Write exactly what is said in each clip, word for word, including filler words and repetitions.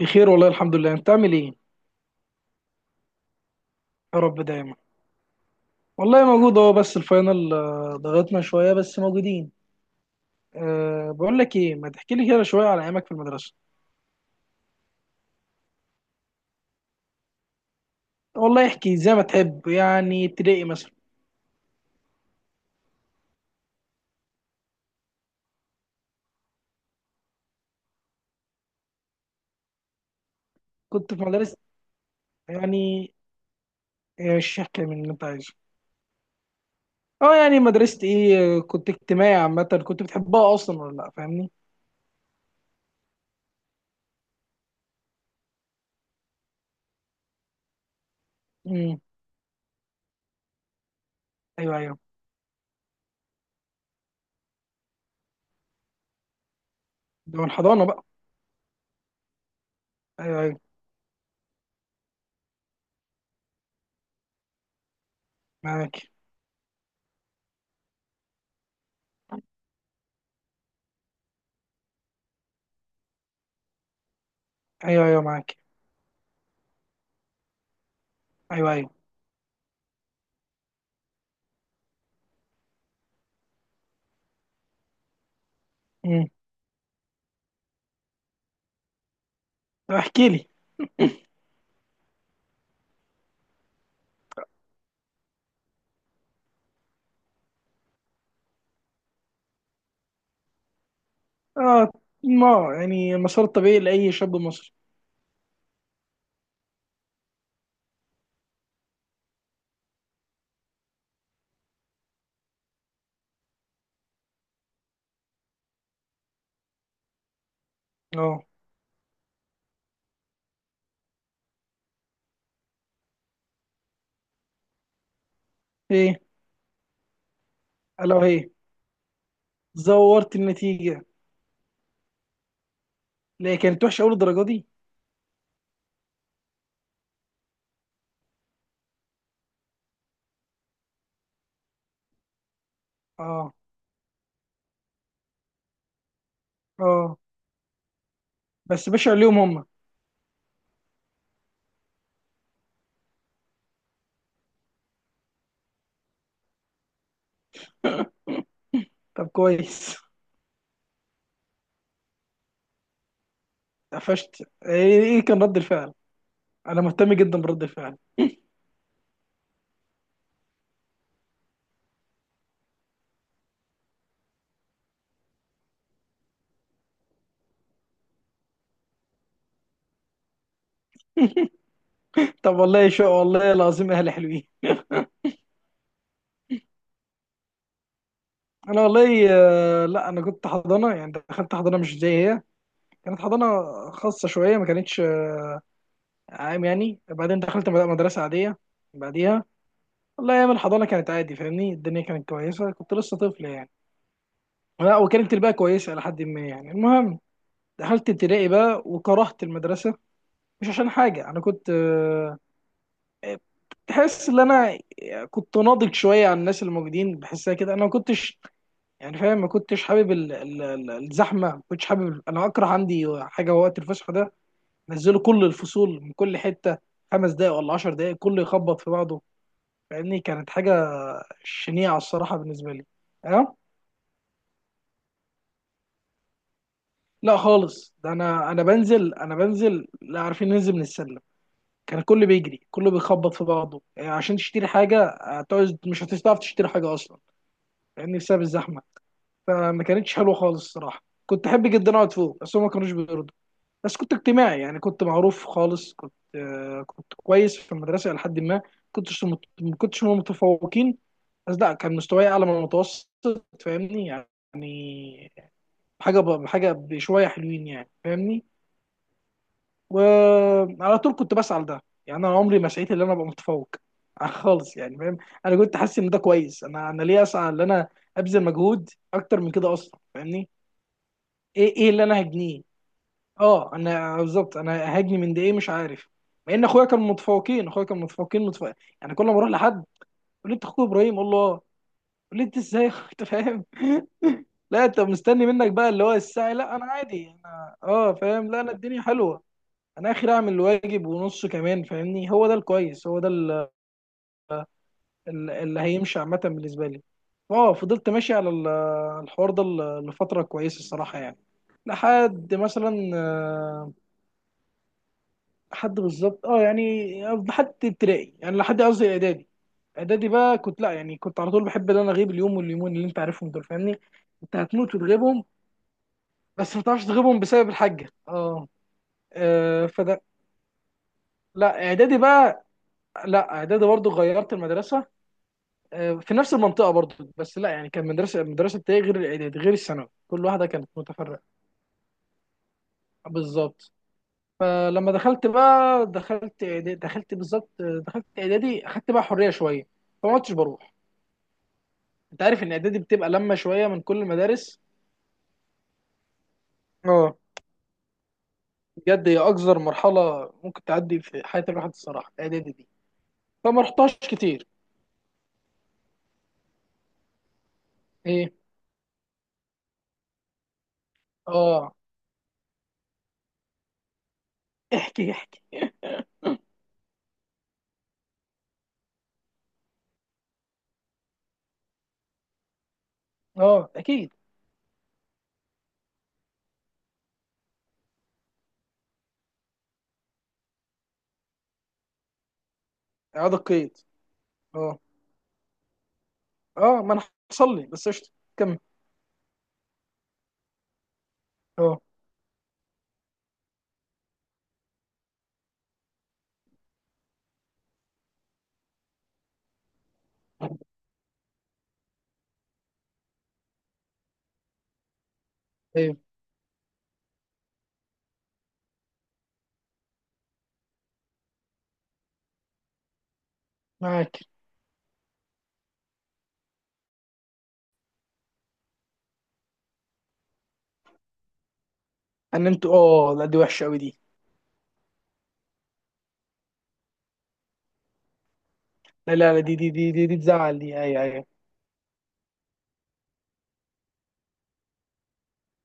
بخير والله، الحمد لله. انت عامل ايه؟ يا رب دايما. والله موجود اهو، بس الفاينل، آه، ضغطنا شويه بس موجودين. أه بقول لك ايه، ما تحكي لي كده شويه على ايامك في المدرسه. والله احكي زي ما تحب، يعني ابتدائي مثلا. كنت في مدرسه. يعني ايش احكي من اللي انت عايزه؟ اه يعني مدرسه ايه، آه، كنت اجتماعي عامه، كنت بتحبها اصلا ولا لا، فاهمني؟ امم. ايوه، ايوه، ده من الحضانه بقى؟ ايوه، ايوه، معاك. ايوه، ايوه، معاك. ايوه، ايوه. امم. طب احكي لي. اه، ما يعني المسار الطبيعي لأي شاب مصري. اه. ايه الا وهي؟ زورت النتيجة. لا، هي كانت وحشة أول، الدرجة دي. اه. اه. بس باشا عليهم هم. طب كويس. قفشت ايه؟ إيه كان رد الفعل؟ انا مهتم جدا برد الفعل. طب والله شو، والله العظيم اهلي حلوين. انا والله، آه، لا، انا كنت حضانه، يعني دخلت حضانه مش زي هي. كانت حضانه خاصه شويه، ما كانتش آه، عام يعني. بعدين دخلت مد- مدرسه عاديه بعديها. والله ايام الحضانه كانت عادي، فاهمني؟ الدنيا كانت كويسه، كنت لسه طفل يعني. لا وكانت الباقي كويسه لحد ما، يعني المهم دخلت ابتدائي بقى وكرهت المدرسه. مش عشان حاجه، انا كنت آه، تحس ان انا كنت ناضج شويه عن الناس الموجودين، بحسها كده. انا ما كنتش، يعني فاهم؟ ما كنتش حابب ال- ال- ال- الزحمه، ما كنتش حابب. انا اكره عندي حاجه وقت الفسحه ده. نزلوا كل الفصول من كل حته، خمس دقايق ولا عشر دقايق كله يخبط في بعضه. فاهمني، كانت حاجه شنيعه الصراحه بالنسبه لي. اه. لا خالص، ده انا انا بنزل انا بنزل، لا عارفين ننزل من السلم. كان الكل بيجري، كله بيخبط في بعضه. يعني عشان تشتري حاجه هتقعد، مش هتعرف تشتري حاجه اصلا، لان بسبب الزحمه. فما كانتش حلوه خالص الصراحه. كنت احب جدا اقعد فوق بس هم ما كانوش بيرضوا. بس كنت اجتماعي، يعني كنت معروف خالص، كنت آه، كنت كويس في المدرسه الى حد ما. كنتش مت- ما كنتش من المتفوقين. بس لا، كان مستواي اعلى من المتوسط، فاهمني يعني. حاجه ب- حاجه بشويه حلوين يعني، فاهمني. وعلى طول كنت بسعى لده، يعني انا عمري ما سعيت ان انا ابقى متفوق خالص، يعني فاهم؟ انا كنت حاسس ان ده كويس. انا انا ليه اسعى ان انا ابذل مجهود اكتر من كده اصلا، فاهمني؟ ايه، ايه اللي انا هجنيه؟ اه انا بالظبط، انا هجني من ده ايه؟ مش عارف. مع ان اخويا كان متفوقين اخويا كان متفوقين متفوق. يعني كل ما اروح لحد يقول لي انت اخوك ابراهيم، اقول له اه. يقول لي انت ازاي يا أخوي؟ انت فاهم؟ لا انت مستني منك بقى اللي هو السعي. لا انا عادي، انا اه فاهم. لا انا الدنيا حلوه. انا اخر اعمل الواجب ونص كمان، فاهمني؟ هو ده الكويس، هو ده ال- ال- اللي هيمشي عامه بالنسبه لي. اه فضلت ماشي على ال- الحوار ده ل- لفتره كويسه الصراحه يعني. لحد مثلا آه، لحد بالظبط اه، يعني لحد ابتدائي، يعني لحد قصدي اعدادي. اعدادي بقى، كنت لا يعني كنت على طول بحب ان انا اغيب اليوم واليومين اللي انت عارفهم دول، فاهمني؟ انت هتموت وتغيبهم، بس ما تعرفش تغيبهم بسبب الحاجه. اه. آه، فده لا، اعدادي بقى، لا اعدادي برضو غيرت المدرسه. آه، في نفس المنطقه برضه. بس لا يعني، كان مدرسه المدرسه بتاعي غير الاعدادي غير الثانوي، كل واحده كانت متفرقه. بالظبط. فلما دخلت بقى دخلت إعدادي دخلت بالظبط آه، دخلت اعدادي، اخدت بقى حريه شويه. فما عدتش بروح. انت عارف ان اعدادي بتبقى لما شويه من كل المدارس. اه، بجد هي اقذر مرحله ممكن تعدي في حياه الواحد الصراحه، الاعدادي دي. فما رحتهاش كتير. ايه. اه، احكي احكي. اه. اكيد. اعاده قيد. اه. اه ما انا حصل لي بس، قشطه. كمل. اه. ايوه، معاك. ان انتوا، اه. لا، دي وحشه قوي دي. لا، لا، لا، دي دي دي دي, دي تزعل دي. ايوه، ايوه.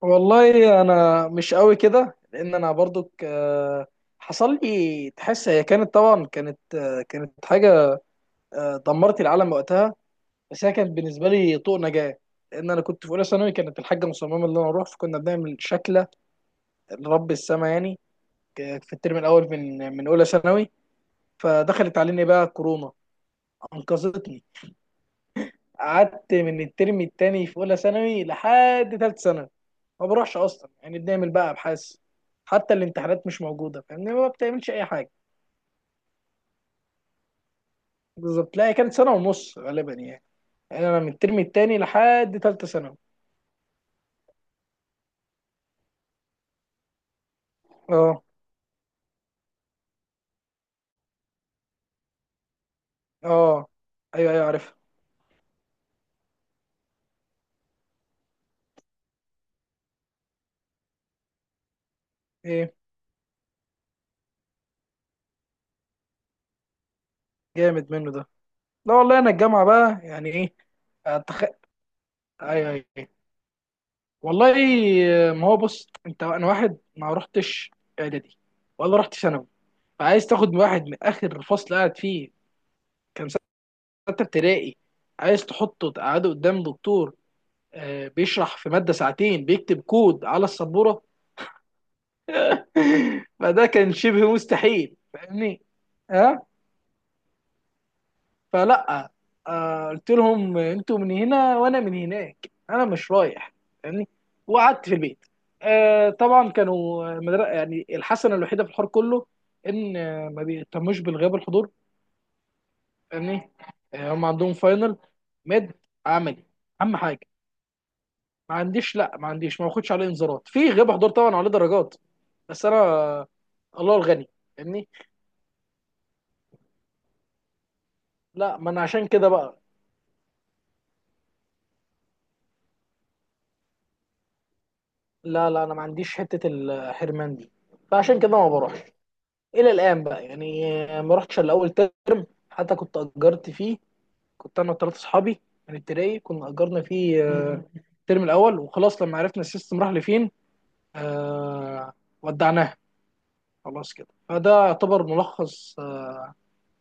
والله انا مش قوي كده، لان انا برضو حصل لي. تحس هي كانت طبعا، كانت آه، كانت حاجه، آه، دمرت العالم وقتها. بس هي كانت بالنسبه لي طوق نجاه. لان انا كنت في اولى ثانوي، كانت الحاجه مصممه ان انا اروح، فكنا بنعمل شكله لرب السما يعني. ك- في الترم الاول من من اولى ثانوي فدخلت علينا بقى كورونا انقذتني. قعدت من الترم التاني في اولى ثانوي لحد تالت ثانوي ما بروحش اصلا. يعني بنعمل بقى ابحاث، حتى الامتحانات مش موجوده، فاهمني؟ ما بتعملش اي حاجه. بالظبط. لا هي كانت سنه ونص غالبا يعني. يعني انا من الترم التاني لحد تالتة ثانوي. اه. اه. ايوه، ايوه، عارفها. ايه. جامد منه ده. لا والله انا الجامعه بقى، يعني ايه! أتخ... ايوه، ايوه، أيوة. والله، ما هو بص انت، انا واحد ما رحتش اعدادي ولا رحت ثانوي، فعايز تاخد من واحد من اخر فصل قاعد فيه كان ستة ابتدائي، عايز تحطه تقعده قدام دكتور آه، بيشرح في مادة ساعتين، بيكتب كود على السبورة؟ فده كان شبه مستحيل، فاهمني؟ ها. فلا، آه، قلت لهم انتوا من هنا وانا من هناك، انا مش رايح، فاهمني. وقعدت في البيت. آه، طبعا كانوا مدر... يعني الحسنة الوحيدة في الحوار كله، ان آه، ما بيهتموش بالغياب الحضور، فاهمني. آه، هم عندهم فاينل، مد، عملي، اهم حاجة. ما عنديش، لا، ما عنديش، ما باخدش عليه انذارات في غياب حضور. طبعا عليه درجات بس انا، الله الغني، فاهمني. لا ما انا عشان كده بقى، لا لا، انا ما عنديش حته الحرمان دي، فعشان كده ما بروحش الى الان بقى يعني. ما رحتش الا اول ترم حتى كنت اجرت فيه، كنت انا وثلاث اصحابي من التراي كنا اجرنا فيه آه، الترم الاول. وخلاص لما عرفنا السيستم راح لفين، آه، ودعناها خلاص كده. فده يعتبر ملخص آه،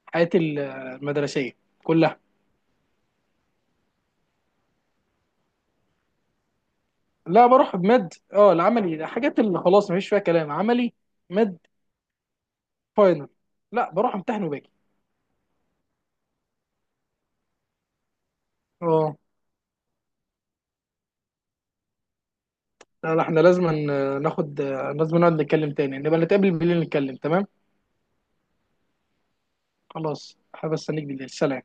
حياتي المدرسيه كلها. لا بروح بمد، اه، العملي، الحاجات اللي خلاص مفيش فيها كلام، عملي، مد، فاينل. لا بروح امتحن وباجي. اه لا لا، احنا لازم ن- ناخد. لازم نقعد نتكلم تاني، نبقى نتقابل بالليل نتكلم، تمام؟ خلاص حابب استنيك بالليل، سلام.